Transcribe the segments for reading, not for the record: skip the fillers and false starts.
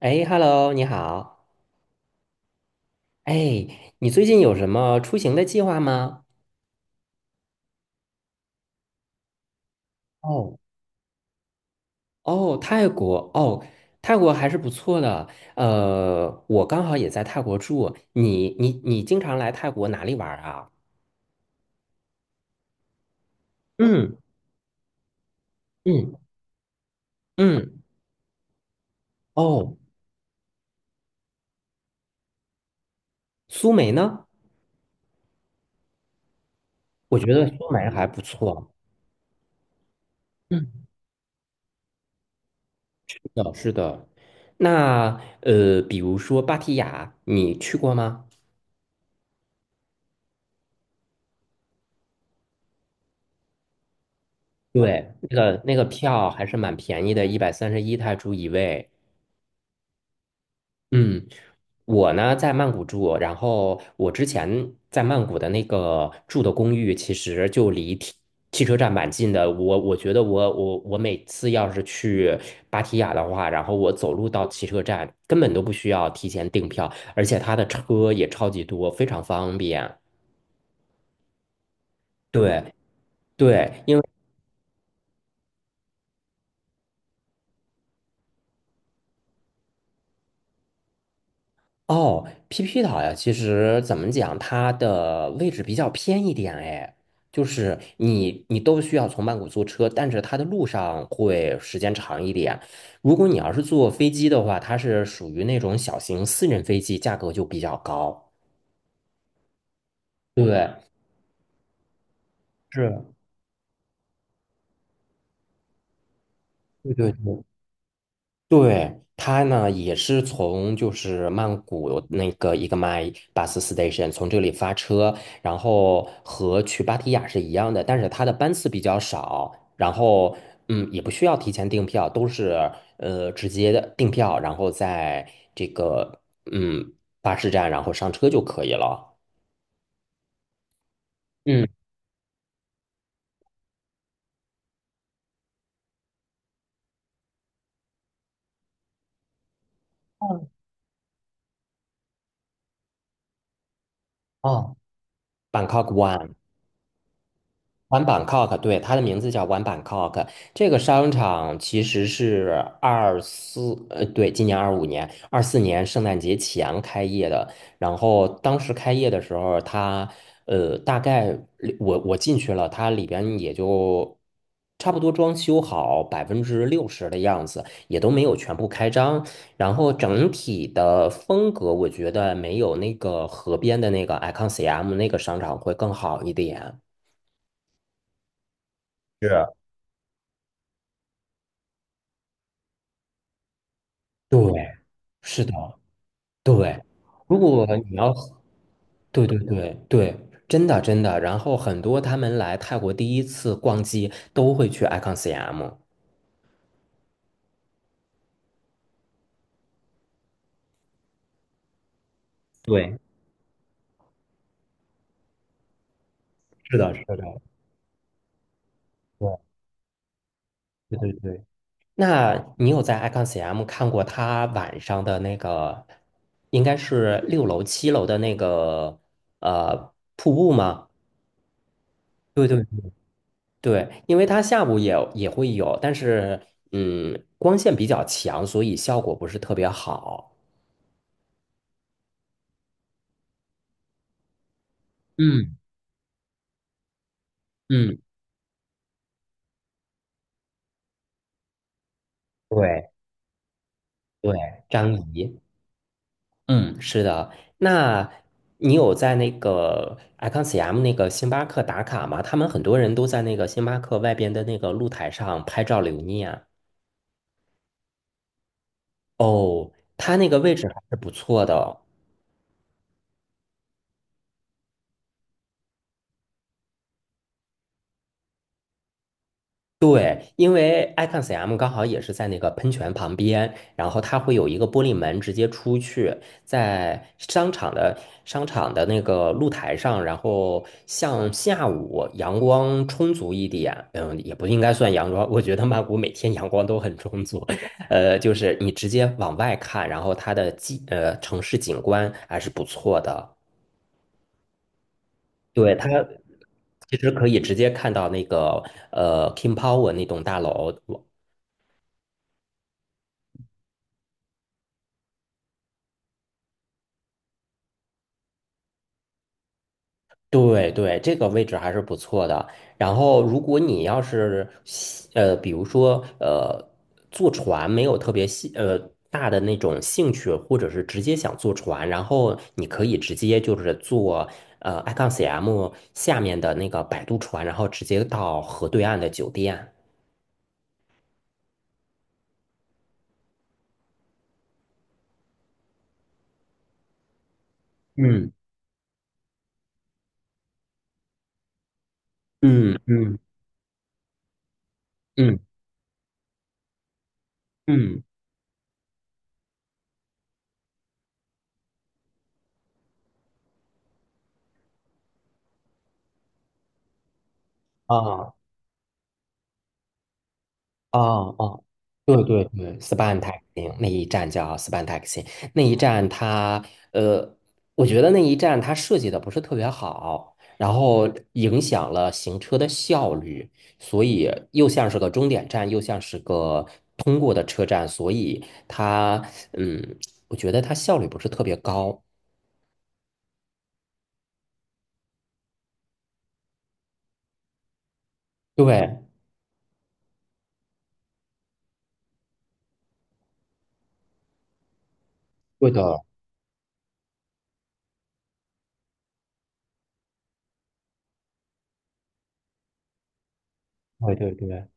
哎，Hello，你好。哎，你最近有什么出行的计划吗？哦哦，泰国哦，泰国还是不错的。我刚好也在泰国住。你经常来泰国哪里玩儿啊？嗯嗯嗯，哦，苏梅呢？我觉得苏梅还不错。嗯，是的，是的。那比如说芭提雅，你去过吗？对，那个票还是蛮便宜的，131泰铢一位。嗯。我呢在曼谷住，然后我之前在曼谷的那个住的公寓，其实就离汽车站蛮近的。我觉得我每次要是去芭提雅的话，然后我走路到汽车站，根本都不需要提前订票，而且它的车也超级多，非常方便。对对，因为。哦，PP 岛呀，其实怎么讲，它的位置比较偏一点哎，就是你都需要从曼谷坐车，但是它的路上会时间长一点。如果你要是坐飞机的话，它是属于那种小型私人飞机，价格就比较高。对，是，对对对。对，他呢也是从就是曼谷那个一个 my bus station 从这里发车，然后和去芭提雅是一样的，但是它的班次比较少，然后也不需要提前订票，都是直接的订票，然后在这个嗯巴士站然后上车就可以了。嗯，哦，Bangkok One。One Bangkok,对，它的名字叫 One Bangkok。这个商场其实是二四，对，今年二五年、二四年圣诞节前开业的。然后当时开业的时候，它，大概里我进去了，它里边也就差不多装修好60%的样子，也都没有全部开张。然后整体的风格，我觉得没有那个河边的那个 Icon CM 那个商场会更好一点。是。对，是的，对。如果你要，对对对对，真的真的。然后很多他们来泰国第一次逛街都会去 Icon CM。对，是的，是的，对对对对。那你有在 Icon CM 看过他晚上的那个，应该是六楼、七楼的那个瀑布吗？对对对对，因为它下午也会有，但是光线比较强，所以效果不是特别好。嗯嗯，对对，张仪，嗯，是的。那你有在那个 ICONCM 那个星巴克打卡吗？他们很多人都在那个星巴克外边的那个露台上拍照留念。哦，它那个位置还是不错的哦。对，因为 i c o n s m 刚好也是在那个喷泉旁边，然后它会有一个玻璃门直接出去，在商场的那个露台上，然后像下午阳光充足一点，也不应该算阳光，我觉得曼谷每天阳光都很充足，就是你直接往外看，然后它的城市景观还是不错的，对，它其实可以直接看到那个King Power 那栋大楼。对对，这个位置还是不错的。然后，如果你要是比如说坐船没有特别大的那种兴趣，或者是直接想坐船，然后你可以直接就是坐i c o n CM 下面的那个摆渡船，然后直接到河对岸的酒店。嗯嗯嗯嗯嗯啊。哦哦，对对对，Span Taxi 那一站叫 Span Taxi,那一站它呃，我觉得那一站它设计的不是特别好，然后影响了行车的效率，所以又像是个终点站，又像是个通过的车站，所以它嗯，我觉得它效率不是特别高。对，对的，对对对。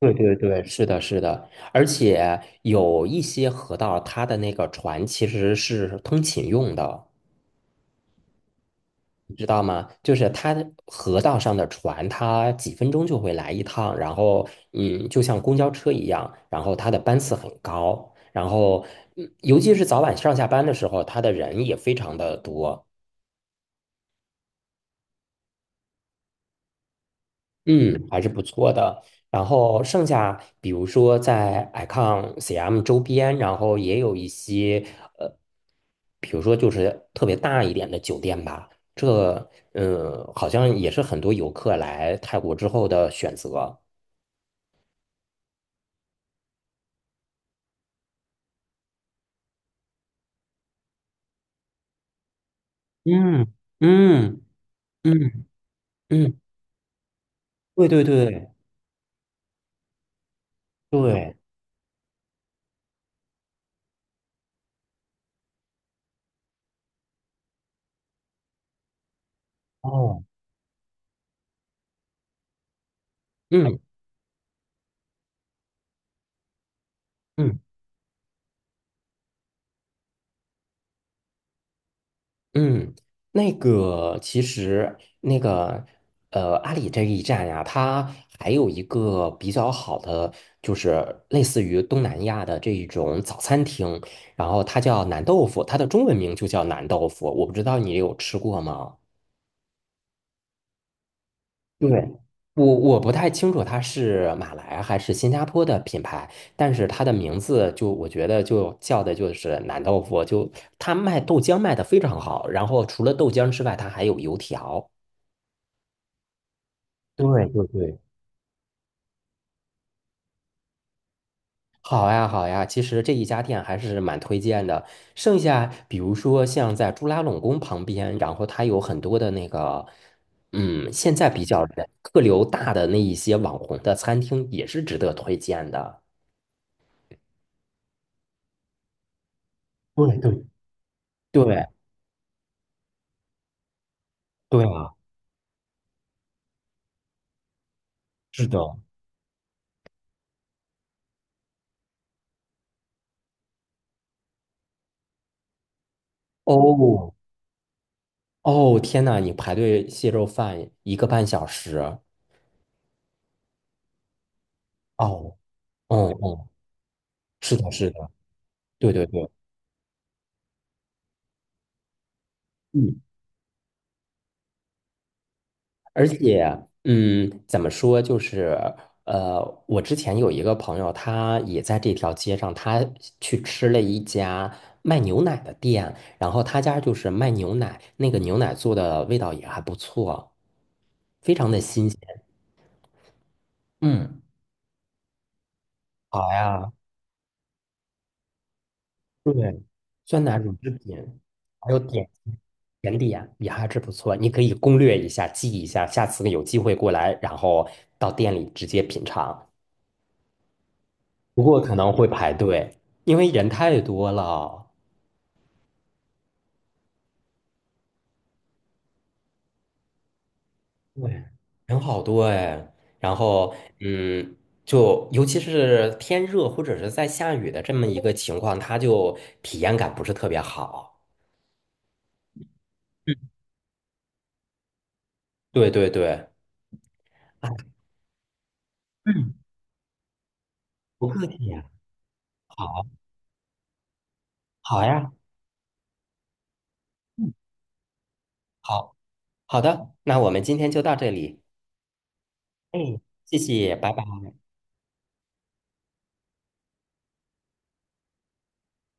对对对，是的，是的，而且有一些河道，它的那个船其实是通勤用的，你知道吗？就是它的河道上的船，它几分钟就会来一趟，然后就像公交车一样，然后它的班次很高，然后尤其是早晚上下班的时候，它的人也非常的多。嗯，还是不错的。然后剩下，比如说在 Icon CM 周边，然后也有一些呃，比如说就是特别大一点的酒店吧。这好像也是很多游客来泰国之后的选择。嗯嗯嗯嗯，对对对对，哦，嗯嗯。嗯，那个其实那个阿里这一站呀，它还有一个比较好的，就是类似于东南亚的这一种早餐厅，然后它叫南豆腐，它的中文名就叫南豆腐，我不知道你有吃过吗？对，我不太清楚它是马来还是新加坡的品牌，但是它的名字就我觉得就叫的就是南豆腐，就它卖豆浆卖的非常好，然后除了豆浆之外，它还有油条。对对对，好呀好呀，其实这一家店还是蛮推荐的。剩下比如说像在朱拉隆功旁边，然后它有很多的那个，现在比较人客流大的那一些网红的餐厅也是值得推荐的。对对对对啊，是的，哦哦，天呐，你排队蟹肉饭一个半小时。哦，哦哦，是的，是的，对对对，嗯，而且，怎么说，就是，我之前有一个朋友，他也在这条街上，他去吃了一家卖牛奶的店，然后他家就是卖牛奶，那个牛奶做的味道也还不错，非常的新鲜。嗯，好呀，对，酸奶乳制品，还有点心甜点也还是不错，你可以攻略一下，记一下，下次有机会过来，然后到店里直接品尝。不过可能会排队，因为人太多了。对，人好多哎。然后，嗯，就尤其是天热或者是在下雨的这么一个情况，它就体验感不是特别好。嗯对对对，啊，嗯，不客气呀。好，好呀，嗯，好，好的，那我们今天就到这里。哎，谢谢，拜拜。